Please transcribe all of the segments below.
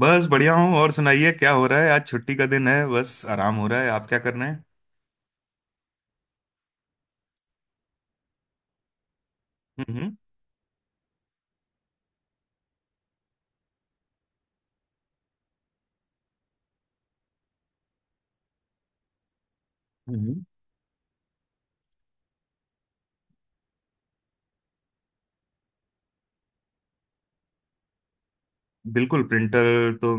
बस बढ़िया हूँ। और सुनाइए, क्या हो रहा है? आज छुट्टी का दिन है, बस आराम हो रहा है। आप क्या कर रहे हैं? हम्म। हम्म। बिल्कुल, प्रिंटर। तो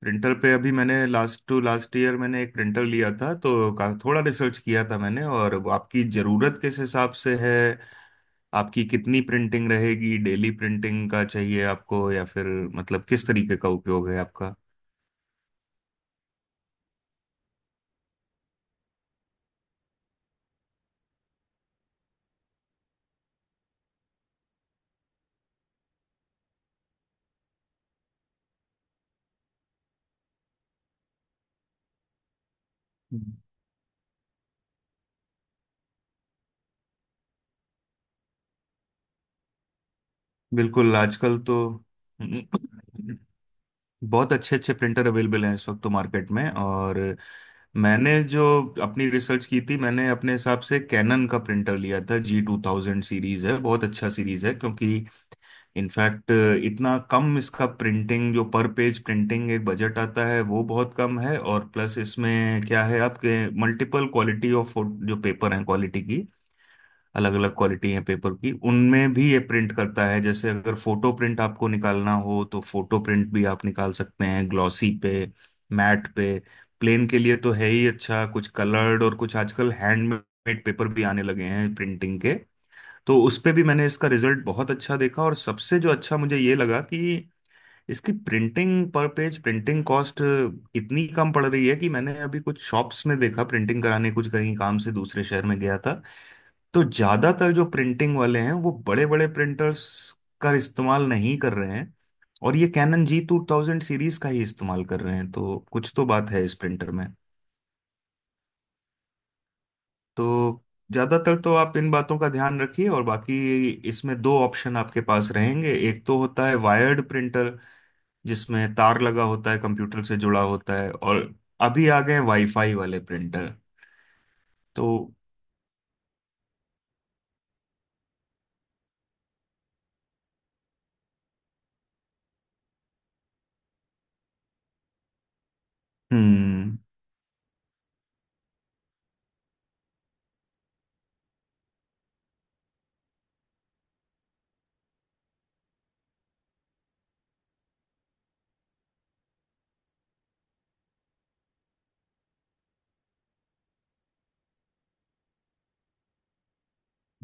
प्रिंटर पे अभी मैंने लास्ट टू लास्ट ईयर मैंने एक प्रिंटर लिया था तो का थोड़ा रिसर्च किया था मैंने। और वो आपकी ज़रूरत किस हिसाब से है? आपकी कितनी प्रिंटिंग रहेगी? डेली प्रिंटिंग का चाहिए आपको, या फिर मतलब किस तरीके का उपयोग है आपका? हम्म। बिल्कुल, आजकल तो बहुत अच्छे अच्छे प्रिंटर अवेलेबल हैं इस वक्त तो मार्केट में। और मैंने जो अपनी रिसर्च की थी, मैंने अपने हिसाब से कैनन का प्रिंटर लिया था। G2000 सीरीज है, बहुत अच्छा सीरीज है, क्योंकि इनफैक्ट इतना कम इसका प्रिंटिंग, जो पर पेज प्रिंटिंग एक बजट आता है वो बहुत कम है। और प्लस इसमें क्या है आपके मल्टीपल क्वालिटी ऑफ जो पेपर हैं, क्वालिटी की अलग अलग क्वालिटी है पेपर की, उनमें भी ये प्रिंट करता है। जैसे अगर फोटो प्रिंट आपको निकालना हो तो फोटो प्रिंट भी आप निकाल सकते हैं, ग्लॉसी पे, मैट पे, प्लेन के लिए तो है ही अच्छा, कुछ कलर्ड और कुछ आजकल हैंडमेड पेपर भी आने लगे हैं प्रिंटिंग के, तो उस पे भी मैंने इसका रिजल्ट बहुत अच्छा देखा। और सबसे जो अच्छा मुझे ये लगा कि इसकी printing, per page printing cost इतनी कम पड़ रही है कि मैंने अभी कुछ शॉप्स में देखा प्रिंटिंग कराने, कुछ कहीं काम से दूसरे शहर में गया था, तो ज्यादातर जो प्रिंटिंग वाले हैं वो बड़े बड़े प्रिंटर्स का इस्तेमाल नहीं कर रहे हैं और ये कैनन G2000 सीरीज का ही इस्तेमाल कर रहे हैं, तो कुछ तो बात है इस प्रिंटर में। तो ज्यादातर तो आप इन बातों का ध्यान रखिए। और बाकी इसमें दो ऑप्शन आपके पास रहेंगे। एक तो होता है वायर्ड प्रिंटर, जिसमें तार लगा होता है, कंप्यूटर से जुड़ा होता है। और अभी आ गए वाईफाई वाले प्रिंटर। तो हम्म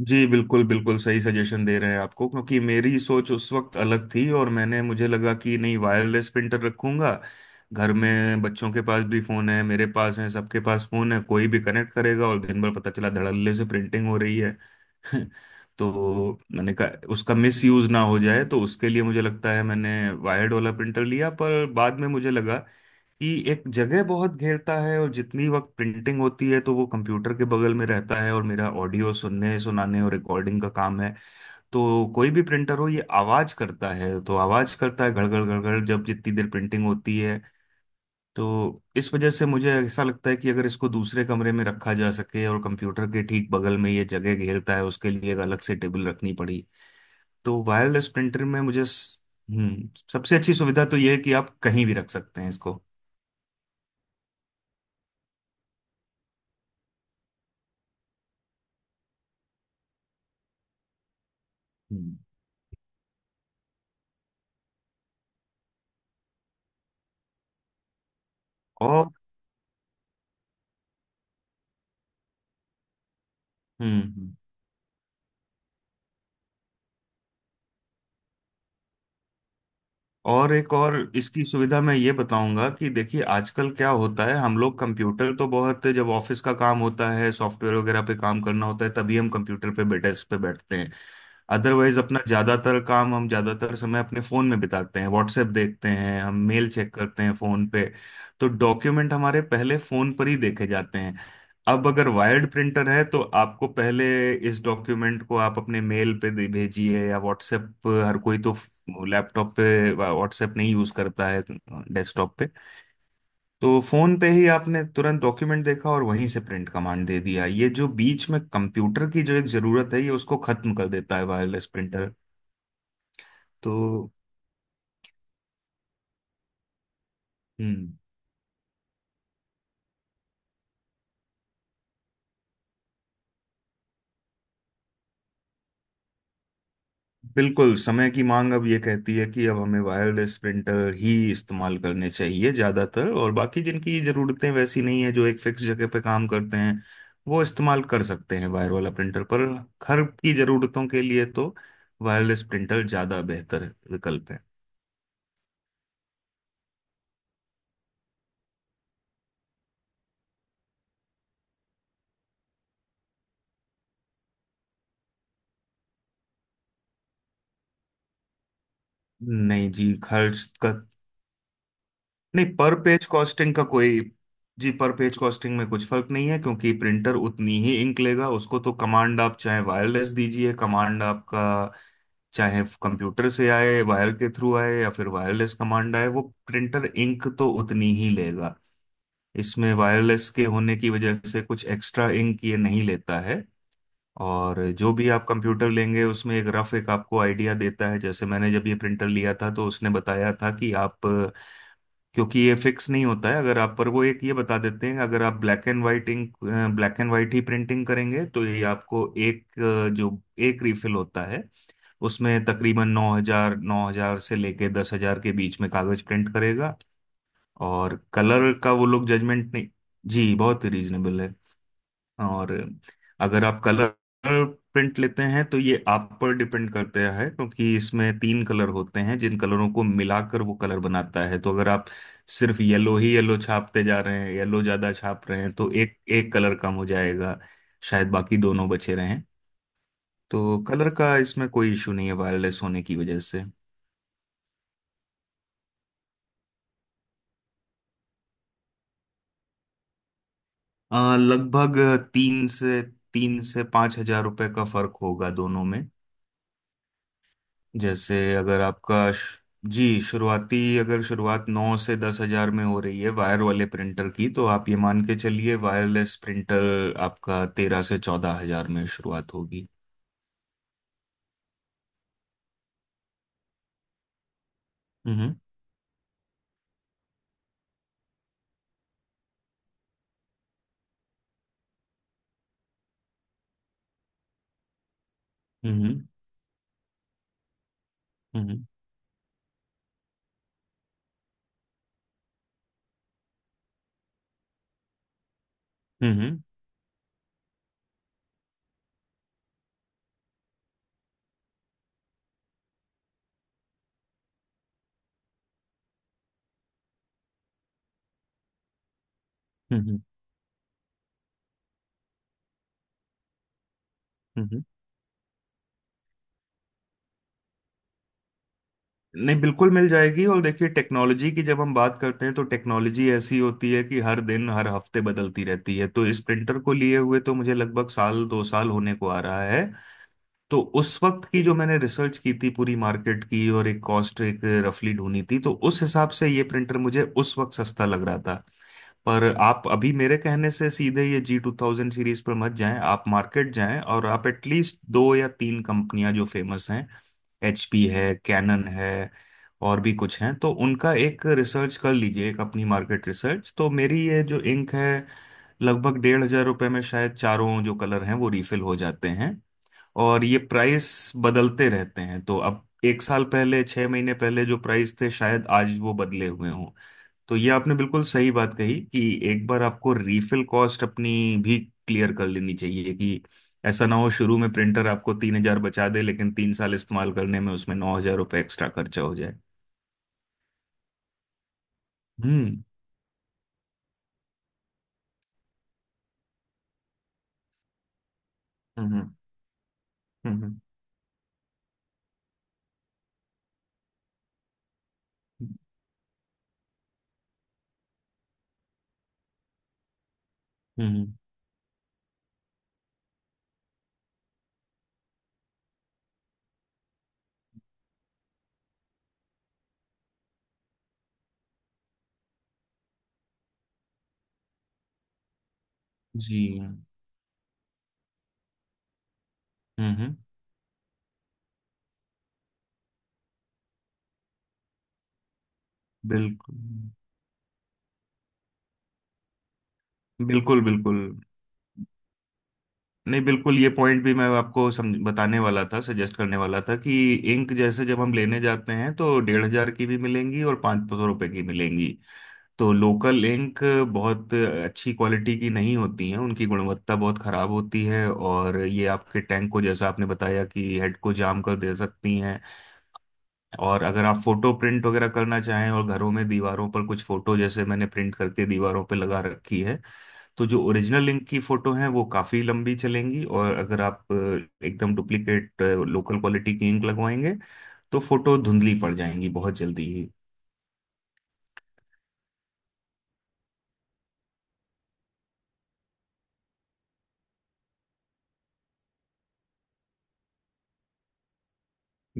जी, बिल्कुल बिल्कुल सही सजेशन दे रहे हैं आपको, क्योंकि मेरी सोच उस वक्त अलग थी और मैंने, मुझे लगा कि नहीं, वायरलेस प्रिंटर रखूंगा। घर में बच्चों के पास भी फोन है, मेरे पास है, सबके पास फोन है। कोई भी कनेक्ट करेगा और दिन भर पता चला धड़ल्ले से प्रिंटिंग हो रही है। तो मैंने कहा, उसका मिस यूज ना हो जाए तो उसके लिए, मुझे लगता है मैंने वायर्ड वाला प्रिंटर लिया। पर बाद में मुझे लगा कि एक जगह बहुत घेरता है, और जितनी वक्त प्रिंटिंग होती है तो वो कंप्यूटर के बगल में रहता है, और मेरा ऑडियो सुनने सुनाने और रिकॉर्डिंग का काम है, तो कोई भी प्रिंटर हो ये आवाज करता है। तो आवाज करता है घड़घड़ घड़घड़, जब जितनी देर प्रिंटिंग होती है। तो इस वजह से मुझे ऐसा लगता है कि अगर इसको दूसरे कमरे में रखा जा सके, और कंप्यूटर के ठीक बगल में ये जगह घेरता है, उसके लिए एक अलग से टेबल रखनी पड़ी। तो वायरलेस प्रिंटर में मुझे सबसे अच्छी सुविधा तो ये है कि आप कहीं भी रख सकते हैं इसको। हम्म। और हम्म। हम्म। और एक और इसकी सुविधा मैं ये बताऊंगा कि देखिए, आजकल क्या होता है, हम लोग कंप्यूटर तो बहुत, जब ऑफिस का काम होता है, सॉफ्टवेयर वगैरह पे काम करना होता है तभी हम कंप्यूटर पे डेस्क पे बैठते हैं। अदरवाइज अपना ज्यादातर काम हम, ज्यादातर समय अपने फोन में बिताते हैं, व्हाट्सएप देखते हैं हम, मेल चेक करते हैं फोन पे, तो डॉक्यूमेंट हमारे पहले फोन पर ही देखे जाते हैं। अब अगर वायर्ड प्रिंटर है तो आपको पहले इस डॉक्यूमेंट को आप अपने मेल पे भेजिए, या व्हाट्सएप, हर कोई तो वो लैपटॉप पे व्हाट्सएप नहीं यूज करता है, डेस्कटॉप पे। तो फोन पे ही आपने तुरंत डॉक्यूमेंट देखा और वहीं से प्रिंट कमांड दे दिया। ये जो बीच में कंप्यूटर की जो एक जरूरत है ये उसको खत्म कर देता है वायरलेस प्रिंटर। तो हम्म बिल्कुल, समय की मांग अब ये कहती है कि अब हमें वायरलेस प्रिंटर ही इस्तेमाल करने चाहिए ज़्यादातर। और बाकी जिनकी ज़रूरतें वैसी नहीं है, जो एक फिक्स जगह पे काम करते हैं, वो इस्तेमाल कर सकते हैं वायर वाला प्रिंटर। पर घर की ज़रूरतों के लिए तो वायरलेस प्रिंटर ज़्यादा बेहतर विकल्प है। नहीं जी, खर्च का नहीं, पर पेज कॉस्टिंग का कोई, जी, पर पेज कॉस्टिंग में कुछ फर्क नहीं है, क्योंकि प्रिंटर उतनी ही इंक लेगा। उसको तो कमांड आप चाहे वायरलेस दीजिए, कमांड आपका चाहे कंप्यूटर से आए, वायर के थ्रू आए, या फिर वायरलेस कमांड आए, वो प्रिंटर इंक तो उतनी ही लेगा। इसमें वायरलेस के होने की वजह से कुछ एक्स्ट्रा इंक ये नहीं लेता है। और जो भी आप कंप्यूटर लेंगे उसमें एक रफ एक आपको आइडिया देता है। जैसे मैंने जब ये प्रिंटर लिया था तो उसने बताया था कि आप, क्योंकि ये फिक्स नहीं होता है, अगर आप, पर वो एक ये बता देते हैं, अगर आप black and white ink, black and white ही प्रिंटिंग करेंगे तो ये आपको एक जो एक रीफिल होता है उसमें तकरीबन 9,000 से लेके 10,000 के बीच में कागज प्रिंट करेगा। और कलर का वो लोग जजमेंट नहीं, जी बहुत रीजनेबल है। और अगर आप कलर प्रिंट लेते हैं तो ये आप पर डिपेंड करता है, क्योंकि इसमें तीन कलर होते हैं जिन कलरों को मिलाकर वो कलर बनाता है। तो अगर आप सिर्फ येलो ही येलो छापते जा रहे हैं, येलो ज्यादा छाप रहे हैं, तो एक एक कलर कम हो जाएगा, शायद बाकी दोनों बचे रहें। तो कलर का इसमें कोई इशू नहीं है वायरलेस होने की वजह से। लगभग तीन से 3,000 से 5,000 रुपए का फर्क होगा दोनों में। जैसे अगर आपका जी, शुरुआती, अगर शुरुआत 9,000 से 10,000 में हो रही है वायर वाले प्रिंटर की, तो आप ये मान के चलिए वायरलेस प्रिंटर आपका 13,000 से 14,000 में शुरुआत होगी। हम्म। हम्म। हम्म। हम्म। हम्म। हम्म। नहीं, बिल्कुल मिल जाएगी। और देखिए, टेक्नोलॉजी की जब हम बात करते हैं तो टेक्नोलॉजी ऐसी होती है कि हर दिन हर हफ्ते बदलती रहती है। तो इस प्रिंटर को लिए हुए तो मुझे लगभग साल 2 साल होने को आ रहा है। तो उस वक्त की जो मैंने रिसर्च की थी पूरी मार्केट की, और एक कॉस्ट एक रफली ढूंढी थी, तो उस हिसाब से ये प्रिंटर मुझे उस वक्त सस्ता लग रहा था। पर आप अभी मेरे कहने से सीधे ये G2000 सीरीज पर मत जाएं। आप मार्केट जाएं और आप एटलीस्ट दो या तीन कंपनियां जो फेमस हैं, एचपी है, कैनन है, और भी कुछ हैं, तो उनका एक रिसर्च कर लीजिए, एक अपनी मार्केट रिसर्च। तो मेरी ये जो इंक है, लगभग 1,500 रुपये में शायद चारों जो कलर हैं वो रिफिल हो जाते हैं। और ये प्राइस बदलते रहते हैं, तो अब एक साल पहले, 6 महीने पहले जो प्राइस थे शायद आज वो बदले हुए हों। तो ये आपने बिल्कुल सही बात कही कि एक बार आपको रीफिल कॉस्ट अपनी भी क्लियर कर लेनी चाहिए, कि ऐसा ना हो शुरू में प्रिंटर आपको 3,000 बचा दे लेकिन 3 साल इस्तेमाल करने में उसमें 9,000 रुपये एक्स्ट्रा खर्चा हो जाए। हम्म। हम्म। हम्म। हम्म। हम्म। हम्म। हम्म। जी। हम्म। हम्म। बिल्कुल बिल्कुल बिल्कुल। नहीं, बिल्कुल, ये पॉइंट भी मैं आपको समझ बताने वाला था, सजेस्ट करने वाला था, कि इंक जैसे जब हम लेने जाते हैं तो 1,500 की भी मिलेंगी और 500 रुपए की मिलेंगी। तो लोकल इंक बहुत अच्छी क्वालिटी की नहीं होती हैं, उनकी गुणवत्ता बहुत खराब होती है, और ये आपके टैंक को, जैसा आपने बताया कि हेड को जाम कर दे सकती हैं। और अगर आप फोटो प्रिंट वगैरह करना चाहें, और घरों में दीवारों पर कुछ फोटो, जैसे मैंने प्रिंट करके दीवारों पर लगा रखी है, तो जो ओरिजिनल लिंक की फोटो है वो काफी लंबी चलेंगी। और अगर आप एकदम डुप्लीकेट लोकल क्वालिटी की इंक लगवाएंगे, तो फोटो धुंधली पड़ जाएंगी बहुत जल्दी ही।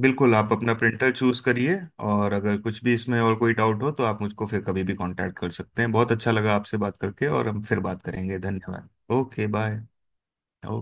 बिल्कुल, आप अपना प्रिंटर चूज करिए, और अगर कुछ भी इसमें और कोई डाउट हो तो आप मुझको फिर कभी भी कांटेक्ट कर सकते हैं। बहुत अच्छा लगा आपसे बात करके, और हम फिर बात करेंगे। धन्यवाद। Okay, bye.